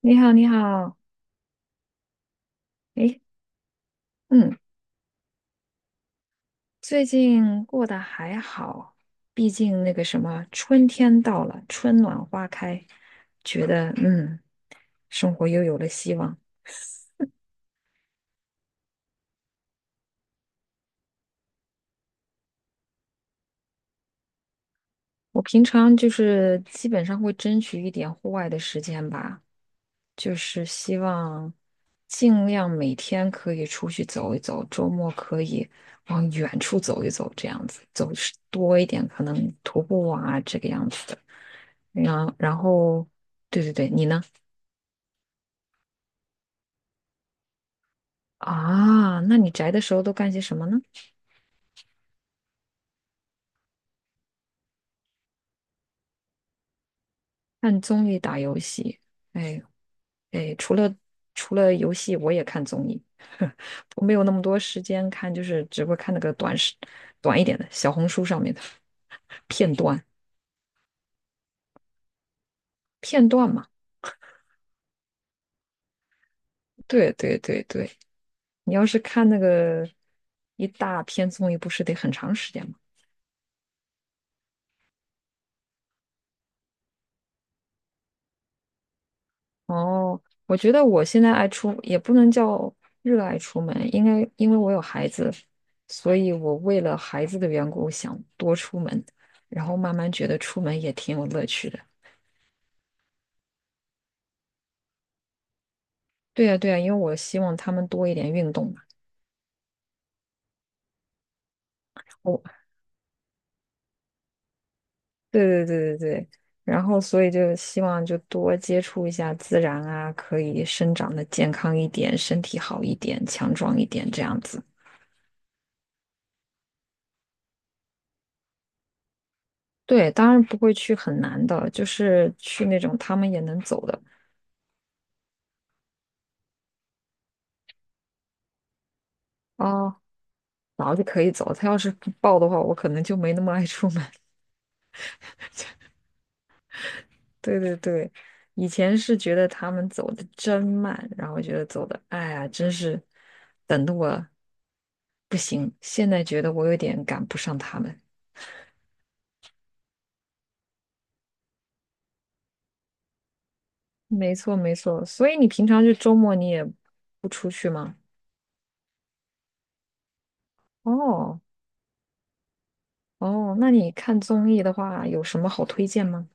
你好，你好，诶，嗯，最近过得还好，毕竟那个什么，春天到了，春暖花开，觉得嗯，生活又有了希望。我平常就是基本上会争取一点户外的时间吧，就是希望尽量每天可以出去走一走，周末可以往远处走一走，这样子走多一点，可能徒步啊，这个样子的。然后，对对对，你呢？啊，那你宅的时候都干些什么呢？看综艺、打游戏。哎哎，除了游戏，我也看综艺，我没有那么多时间看，就是只会看那个短视、短一点的小红书上面的 片段，片段嘛。对对对对，你要是看那个一大篇综艺，不是得很长时间吗？哦，我觉得我现在爱出，也不能叫热爱出门，应该因为我有孩子，所以我为了孩子的缘故想多出门，然后慢慢觉得出门也挺有乐趣的。对呀，对呀，因为我希望他们多一点运动嘛。哦，对对对对对，然后所以就希望就多接触一下自然啊，可以生长的健康一点，身体好一点，强壮一点这样子。对，当然不会去很难的，就是去那种他们也能走的。哦，然后就可以走。他要是不报的话，我可能就没那么爱出门。对对对，以前是觉得他们走的真慢，然后觉得走的，哎呀，真是等的我不行。现在觉得我有点赶不上他们。没错没错，所以你平常就周末你也不出去吗？哦哦，那你看综艺的话，有什么好推荐吗？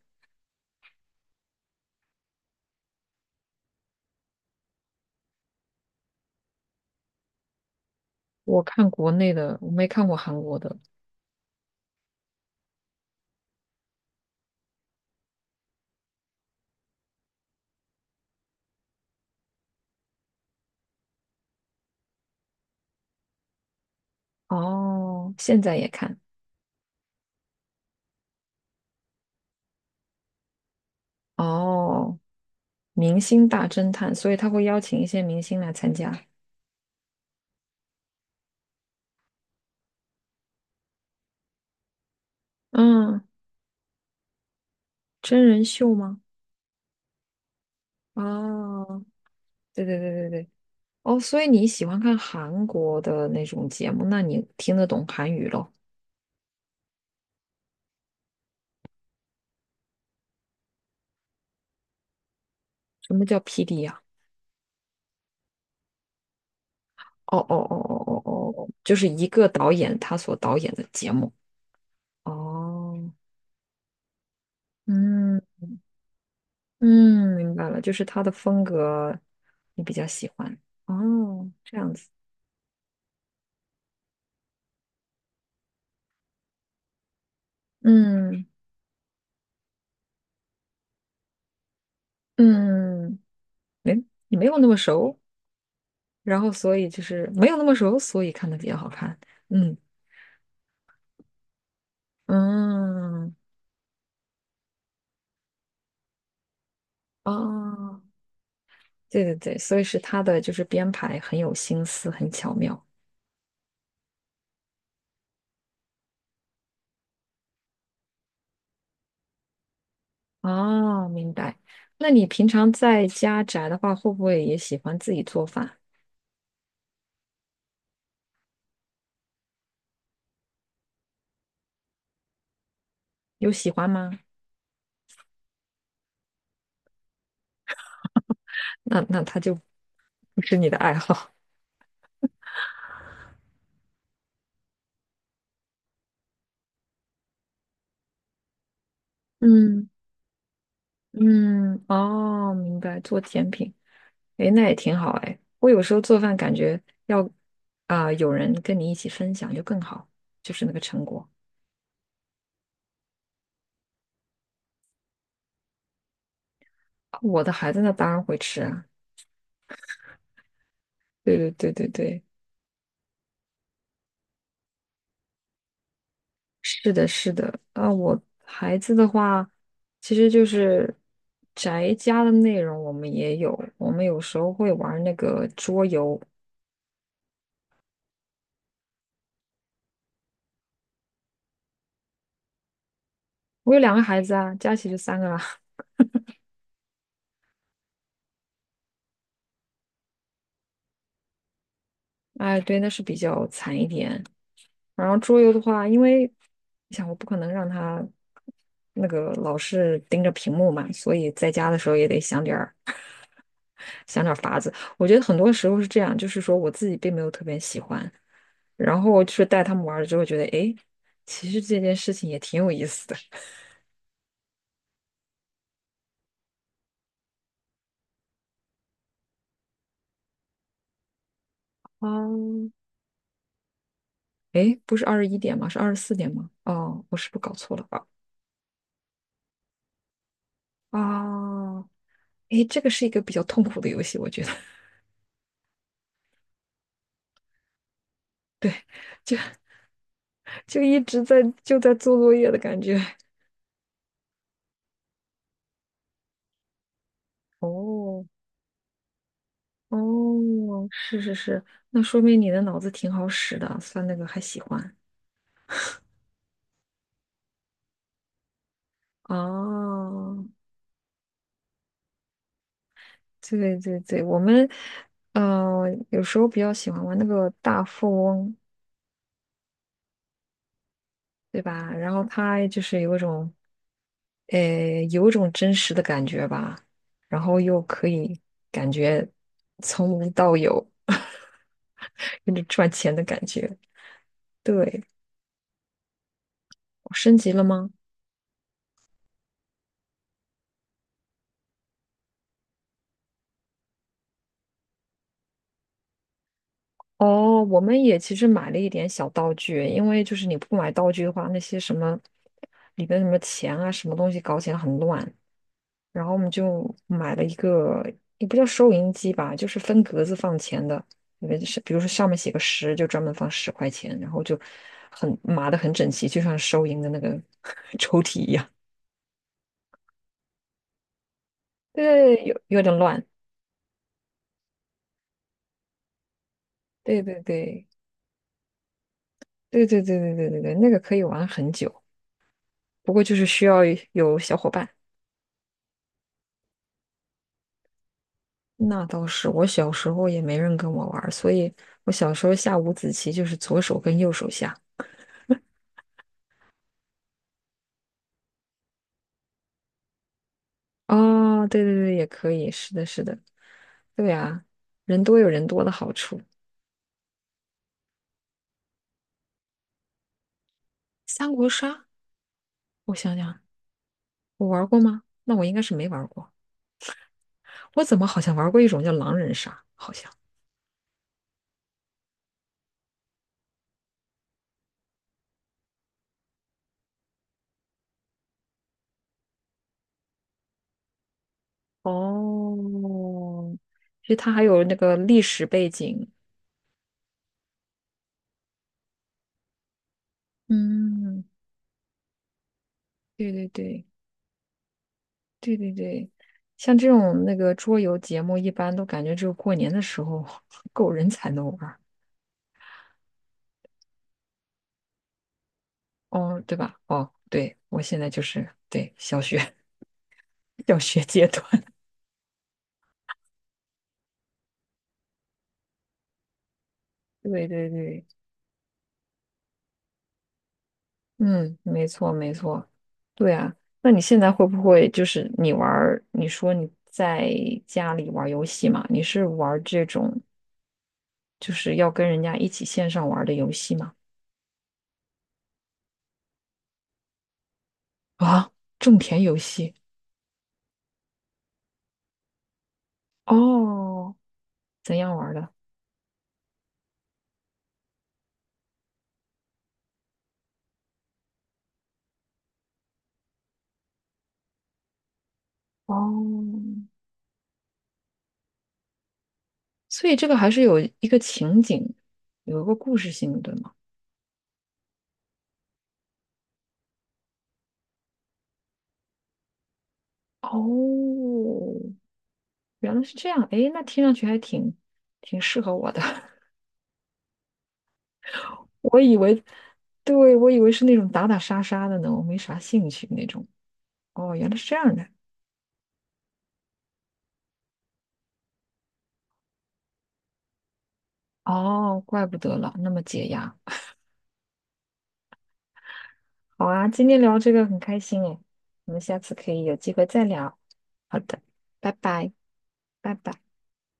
我看国内的，我没看过韩国的。哦，现在也看。哦，明星大侦探，所以他会邀请一些明星来参加。嗯，真人秀吗？啊，对对对对对，哦，所以你喜欢看韩国的那种节目，那你听得懂韩语咯？什么叫 PD 呀、哦哦哦哦哦哦，哦，就是一个导演他所导演的节目。哦，嗯嗯，明白了，就是他的风格你比较喜欢。哦，这样子，嗯嗯，你没有那么熟。然后所以就是没有那么熟，所以看的比较好看。嗯嗯哦，对对对，所以是他的就是编排很有心思，很巧妙。哦，明白。那你平常在家宅的话，会不会也喜欢自己做饭？有喜欢吗？那那他就不是你的爱好。嗯嗯，哦，明白，做甜品，诶，那也挺好诶。我有时候做饭感觉要啊、有人跟你一起分享就更好，就是那个成果。啊我的孩子那当然会吃啊，对对对对对，是的，是的。啊，我孩子的话，其实就是宅家的内容，我们也有，我们有时候会玩那个桌游。我有两个孩子啊，加起就三个啦。哎，对，那是比较惨一点。然后桌游的话，因为你想，我不可能让他那个老是盯着屏幕嘛，所以在家的时候也得想点儿想点儿法子。我觉得很多时候是这样，就是说我自己并没有特别喜欢。然后就是带他们玩了之后，觉得诶，其实这件事情也挺有意思的。哦，诶，不是二十一点吗？是二十四点吗？哦，我是不是搞错了吧？啊，诶，这个是一个比较痛苦的游戏，我觉得 就就一直在就在做作业的感觉。哦，哦，是是是，那说明你的脑子挺好使的，算那个还喜欢。哦，对对对，我们呃有时候比较喜欢玩那个大富翁，对吧？然后它就是有一种，有一种真实的感觉吧，然后又可以感觉从无到有，跟着赚钱的感觉。对，我升级了吗？哦，我们也其实买了一点小道具，因为就是你不买道具的话，那些什么里边什么钱啊，什么东西搞起来很乱。然后我们就买了一个，也不叫收银机吧，就是分格子放钱的，因为是比如说上面写个十，就专门放十块钱，然后就很码的很整齐，就像收银的那个 抽屉一样。对，有点乱。对对对对对对对对对对，那个可以玩很久，不过就是需要有小伙伴。那倒是，我小时候也没人跟我玩儿所以我小时候下五子棋就是左手跟右手下。哦，对对对，也可以，是的，是的，对呀，人多有人多的好处。三国杀，我想想，我玩过吗？那我应该是没玩过。我怎么好像玩过一种叫狼人杀？好像，哦，其实它还有那个历史背景。嗯，对对对对对对，像这种那个桌游节目，一般都感觉只有过年的时候 够人才能玩儿哦，对吧？哦，对，我现在就是对小学 小学阶段。对对对，嗯，没错没错，对啊。那你现在会不会就是你玩儿？你说你在家里玩儿游戏嘛？你是玩儿这种就是要跟人家一起线上玩儿的游戏吗？啊，种田游戏哦，怎样玩儿的？哦，所以这个还是有一个情景，有一个故事性的，对吗？哦，原来是这样，诶，那听上去还挺挺适合我的。我以为，对，我以为是那种打打杀杀的呢，我没啥兴趣那种。哦，原来是这样的。哦，怪不得了，那么解压。好啊，今天聊这个很开心诶，我们下次可以有机会再聊。好的，拜拜，拜拜。